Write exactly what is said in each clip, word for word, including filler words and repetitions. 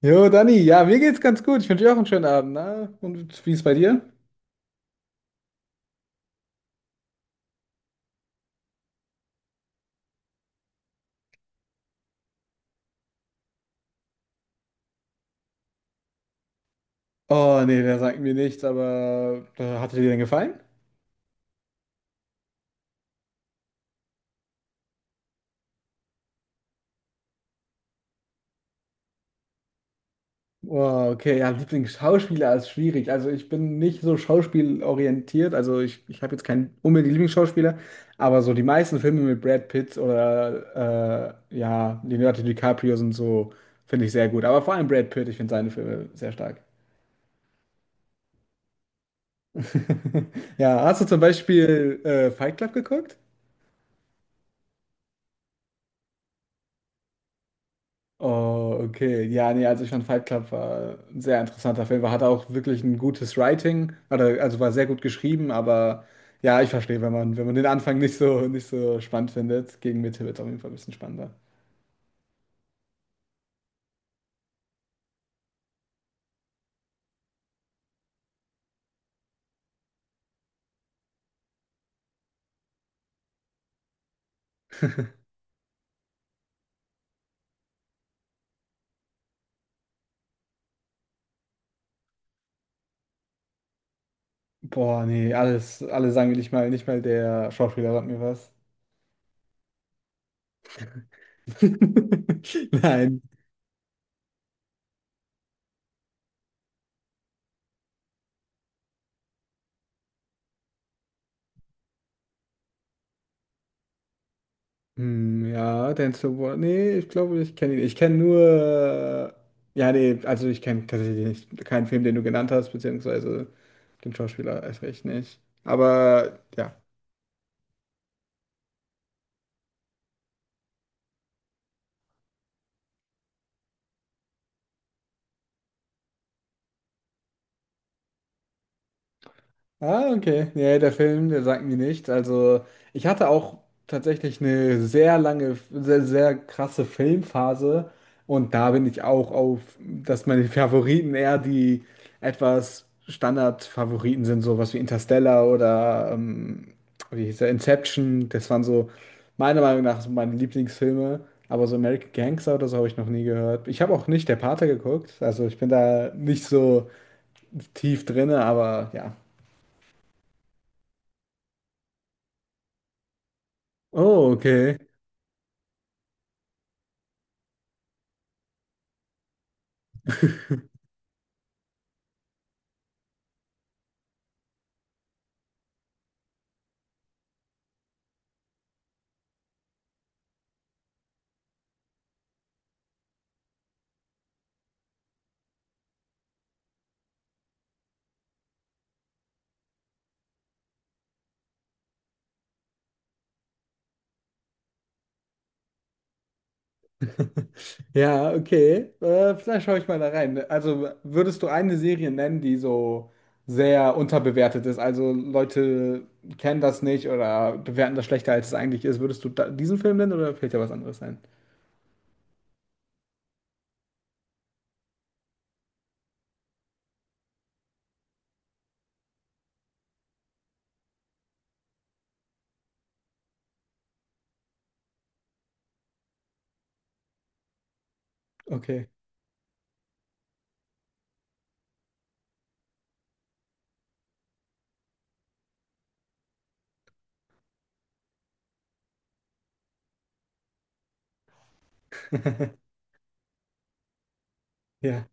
Jo, Dani, ja, mir geht's ganz gut. Ich wünsche dir auch einen schönen Abend, ne? Und wie ist bei dir? Oh, nee, der sagt mir nichts, aber äh, hat dir denn gefallen? Oh, okay, ja, Lieblingsschauspieler ist schwierig. Also ich bin nicht so schauspielorientiert. Also ich, ich habe jetzt keinen unbedingt Lieblingsschauspieler, aber so die meisten Filme mit Brad Pitt oder äh, ja, Leonardo DiCaprio sind so, finde ich sehr gut. Aber vor allem Brad Pitt, ich finde seine Filme sehr stark. Ja, hast du zum Beispiel äh, Fight Club geguckt? Oh, okay. Ja, nee, also ich fand Fight Club war ein sehr interessanter Film. Er hatte auch wirklich ein gutes Writing, oder, also war sehr gut geschrieben, aber ja, ich verstehe, wenn man, wenn man den Anfang nicht so, nicht so spannend findet. Gegen Mitte wird es auf jeden Fall ein bisschen spannender. Boah, nee, alles, alle sagen mir nicht mal, nicht mal der Schauspieler sagt mir was. Nein. Hm, ja, Denzel Washington. Nee, ich glaube, ich kenne ihn. Ich kenne nur. Äh, Ja, nee, also ich kenne tatsächlich nicht, keinen Film, den du genannt hast, beziehungsweise den Schauspieler erst recht nicht. Aber ja. Ah, okay. Nee, der Film, der sagt mir nichts. Also, ich hatte auch tatsächlich eine sehr lange, sehr, sehr krasse Filmphase. Und da bin ich auch auf, dass meine Favoriten eher die etwas Standard-Favoriten sind, sowas wie Interstellar oder, ähm, wie hieß der, Inception. Das waren so, meiner Meinung nach, so meine Lieblingsfilme. Aber so American Gangster oder so habe ich noch nie gehört. Ich habe auch nicht Der Pate geguckt. Also, ich bin da nicht so tief drinne, aber ja. Oh, okay. Ja, okay. Äh, vielleicht schaue ich mal da rein. Also würdest du eine Serie nennen, die so sehr unterbewertet ist? Also Leute kennen das nicht oder bewerten das schlechter, als es eigentlich ist. Würdest du da diesen Film nennen oder fällt dir was anderes ein? Okay. Ja.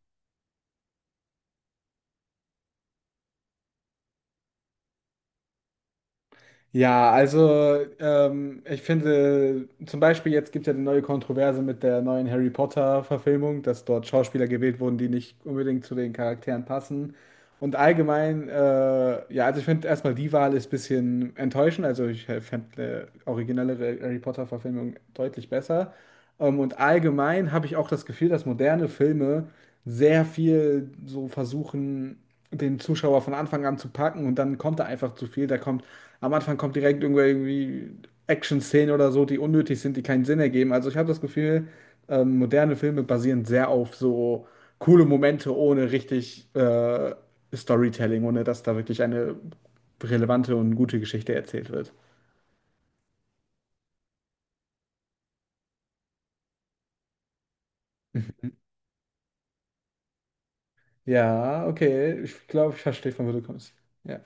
Ja, also ähm, ich finde, zum Beispiel jetzt gibt es ja eine neue Kontroverse mit der neuen Harry Potter-Verfilmung, dass dort Schauspieler gewählt wurden, die nicht unbedingt zu den Charakteren passen. Und allgemein, äh, ja, also ich finde erstmal die Wahl ist ein bisschen enttäuschend. Also ich fände eine originellere Harry Potter-Verfilmung deutlich besser. Ähm, und allgemein habe ich auch das Gefühl, dass moderne Filme sehr viel so versuchen, den Zuschauer von Anfang an zu packen und dann kommt da einfach zu viel. Da kommt, am Anfang kommt direkt irgendwo irgendwie Action-Szenen oder so, die unnötig sind, die keinen Sinn ergeben. Also ich habe das Gefühl, ähm, moderne Filme basieren sehr auf so coole Momente ohne richtig äh, Storytelling, ohne dass da wirklich eine relevante und gute Geschichte erzählt wird. Mhm. Ja, okay. Ich glaube, ich verstehe, von wo du kommst. Ja.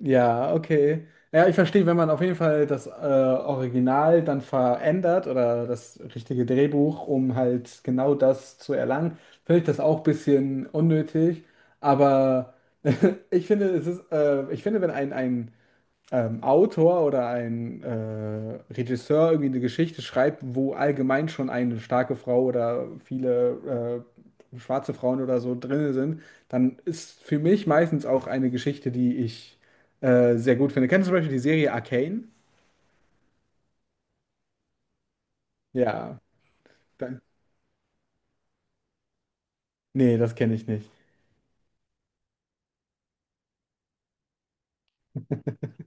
Ja, okay. Ja, ich verstehe, wenn man auf jeden Fall das äh, Original dann verändert oder das richtige Drehbuch, um halt genau das zu erlangen, finde ich das auch ein bisschen unnötig. Aber ich finde, es ist, äh, ich finde, wenn ein, ein ähm, Autor oder ein äh, Regisseur irgendwie eine Geschichte schreibt, wo allgemein schon eine starke Frau oder viele äh, schwarze Frauen oder so drin sind, dann ist für mich meistens auch eine Geschichte, die ich äh, sehr gut finde. Kennst du zum Beispiel die Serie Arcane? Ja. Dann, nee, das kenne ich nicht.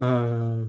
Äh,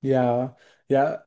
ja, ja.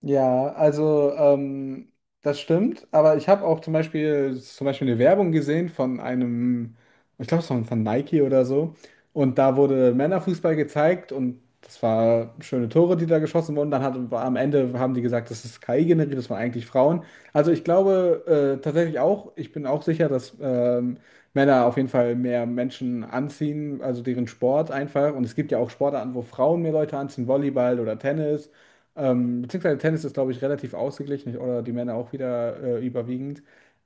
Ja, also ähm, das stimmt, aber ich habe auch zum Beispiel, zum Beispiel eine Werbung gesehen von einem, ich glaube, es war von Nike oder so. Und da wurde Männerfußball gezeigt und das war schöne Tore, die da geschossen wurden. Dann hat, am Ende haben die gesagt, das ist K I generiert, das waren eigentlich Frauen. Also ich glaube äh, tatsächlich auch, ich bin auch sicher, dass ähm, Männer auf jeden Fall mehr Menschen anziehen, also deren Sport einfach. Und es gibt ja auch Sportarten, wo Frauen mehr Leute anziehen, Volleyball oder Tennis. Ähm, beziehungsweise Tennis ist, glaube ich, relativ ausgeglichen oder die Männer auch wieder äh, überwiegend.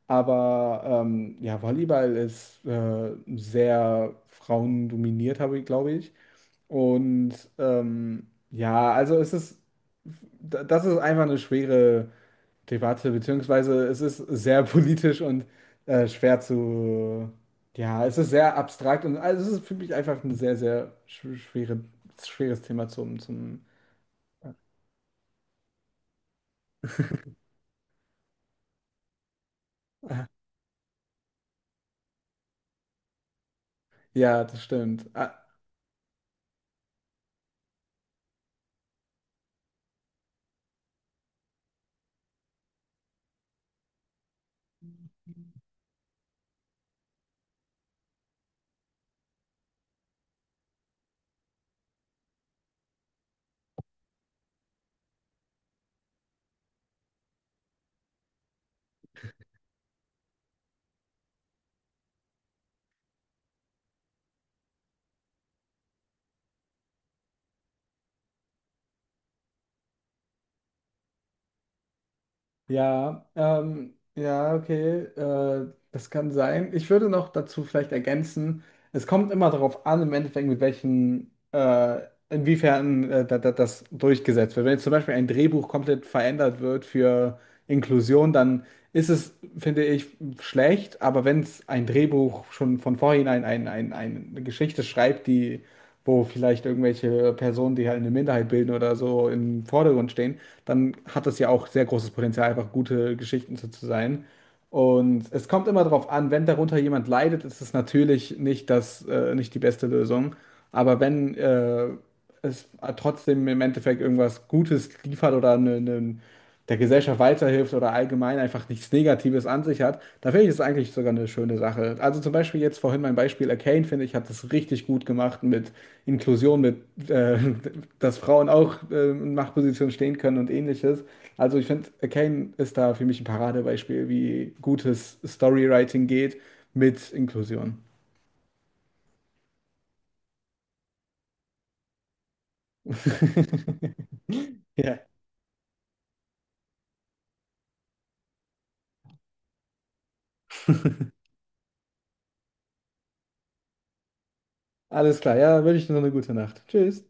Aber ähm, ja, Volleyball ist äh, sehr frauendominiert, habe ich, glaube ich. Und ähm, ja, also es ist, da- das ist einfach eine schwere Debatte, beziehungsweise es ist sehr politisch und äh, schwer zu, ja, es ist sehr abstrakt und also es ist für mich einfach ein sehr, sehr schw- schwere, schweres Thema zum, zum, ja, das stimmt. Äh, Ja, ähm, ja, okay, äh, das kann sein. Ich würde noch dazu vielleicht ergänzen, es kommt immer darauf an, im Endeffekt, mit welchen, äh, inwiefern äh, da, da, das durchgesetzt wird. Wenn jetzt zum Beispiel ein Drehbuch komplett verändert wird für Inklusion, dann ist es, finde ich, schlecht. Aber wenn es ein Drehbuch schon von vornherein ein, ein, ein, eine Geschichte schreibt, die wo vielleicht irgendwelche Personen, die halt eine Minderheit bilden oder so, im Vordergrund stehen, dann hat das ja auch sehr großes Potenzial, einfach gute Geschichten zu, zu sein. Und es kommt immer darauf an, wenn darunter jemand leidet, ist es natürlich nicht das, äh, nicht die beste Lösung. Aber wenn äh, es trotzdem im Endeffekt irgendwas Gutes liefert oder ne, ne, der Gesellschaft weiterhilft oder allgemein einfach nichts Negatives an sich hat, da finde ich es eigentlich sogar eine schöne Sache. Also zum Beispiel jetzt vorhin mein Beispiel Arcane, finde ich, hat das richtig gut gemacht mit Inklusion, mit äh, dass Frauen auch äh, in Machtpositionen stehen können und ähnliches. Also ich finde, Arcane ist da für mich ein Paradebeispiel, wie gutes Storywriting geht mit Inklusion. Ja. Alles klar, ja, wünsche ich dir noch eine gute Nacht. Tschüss.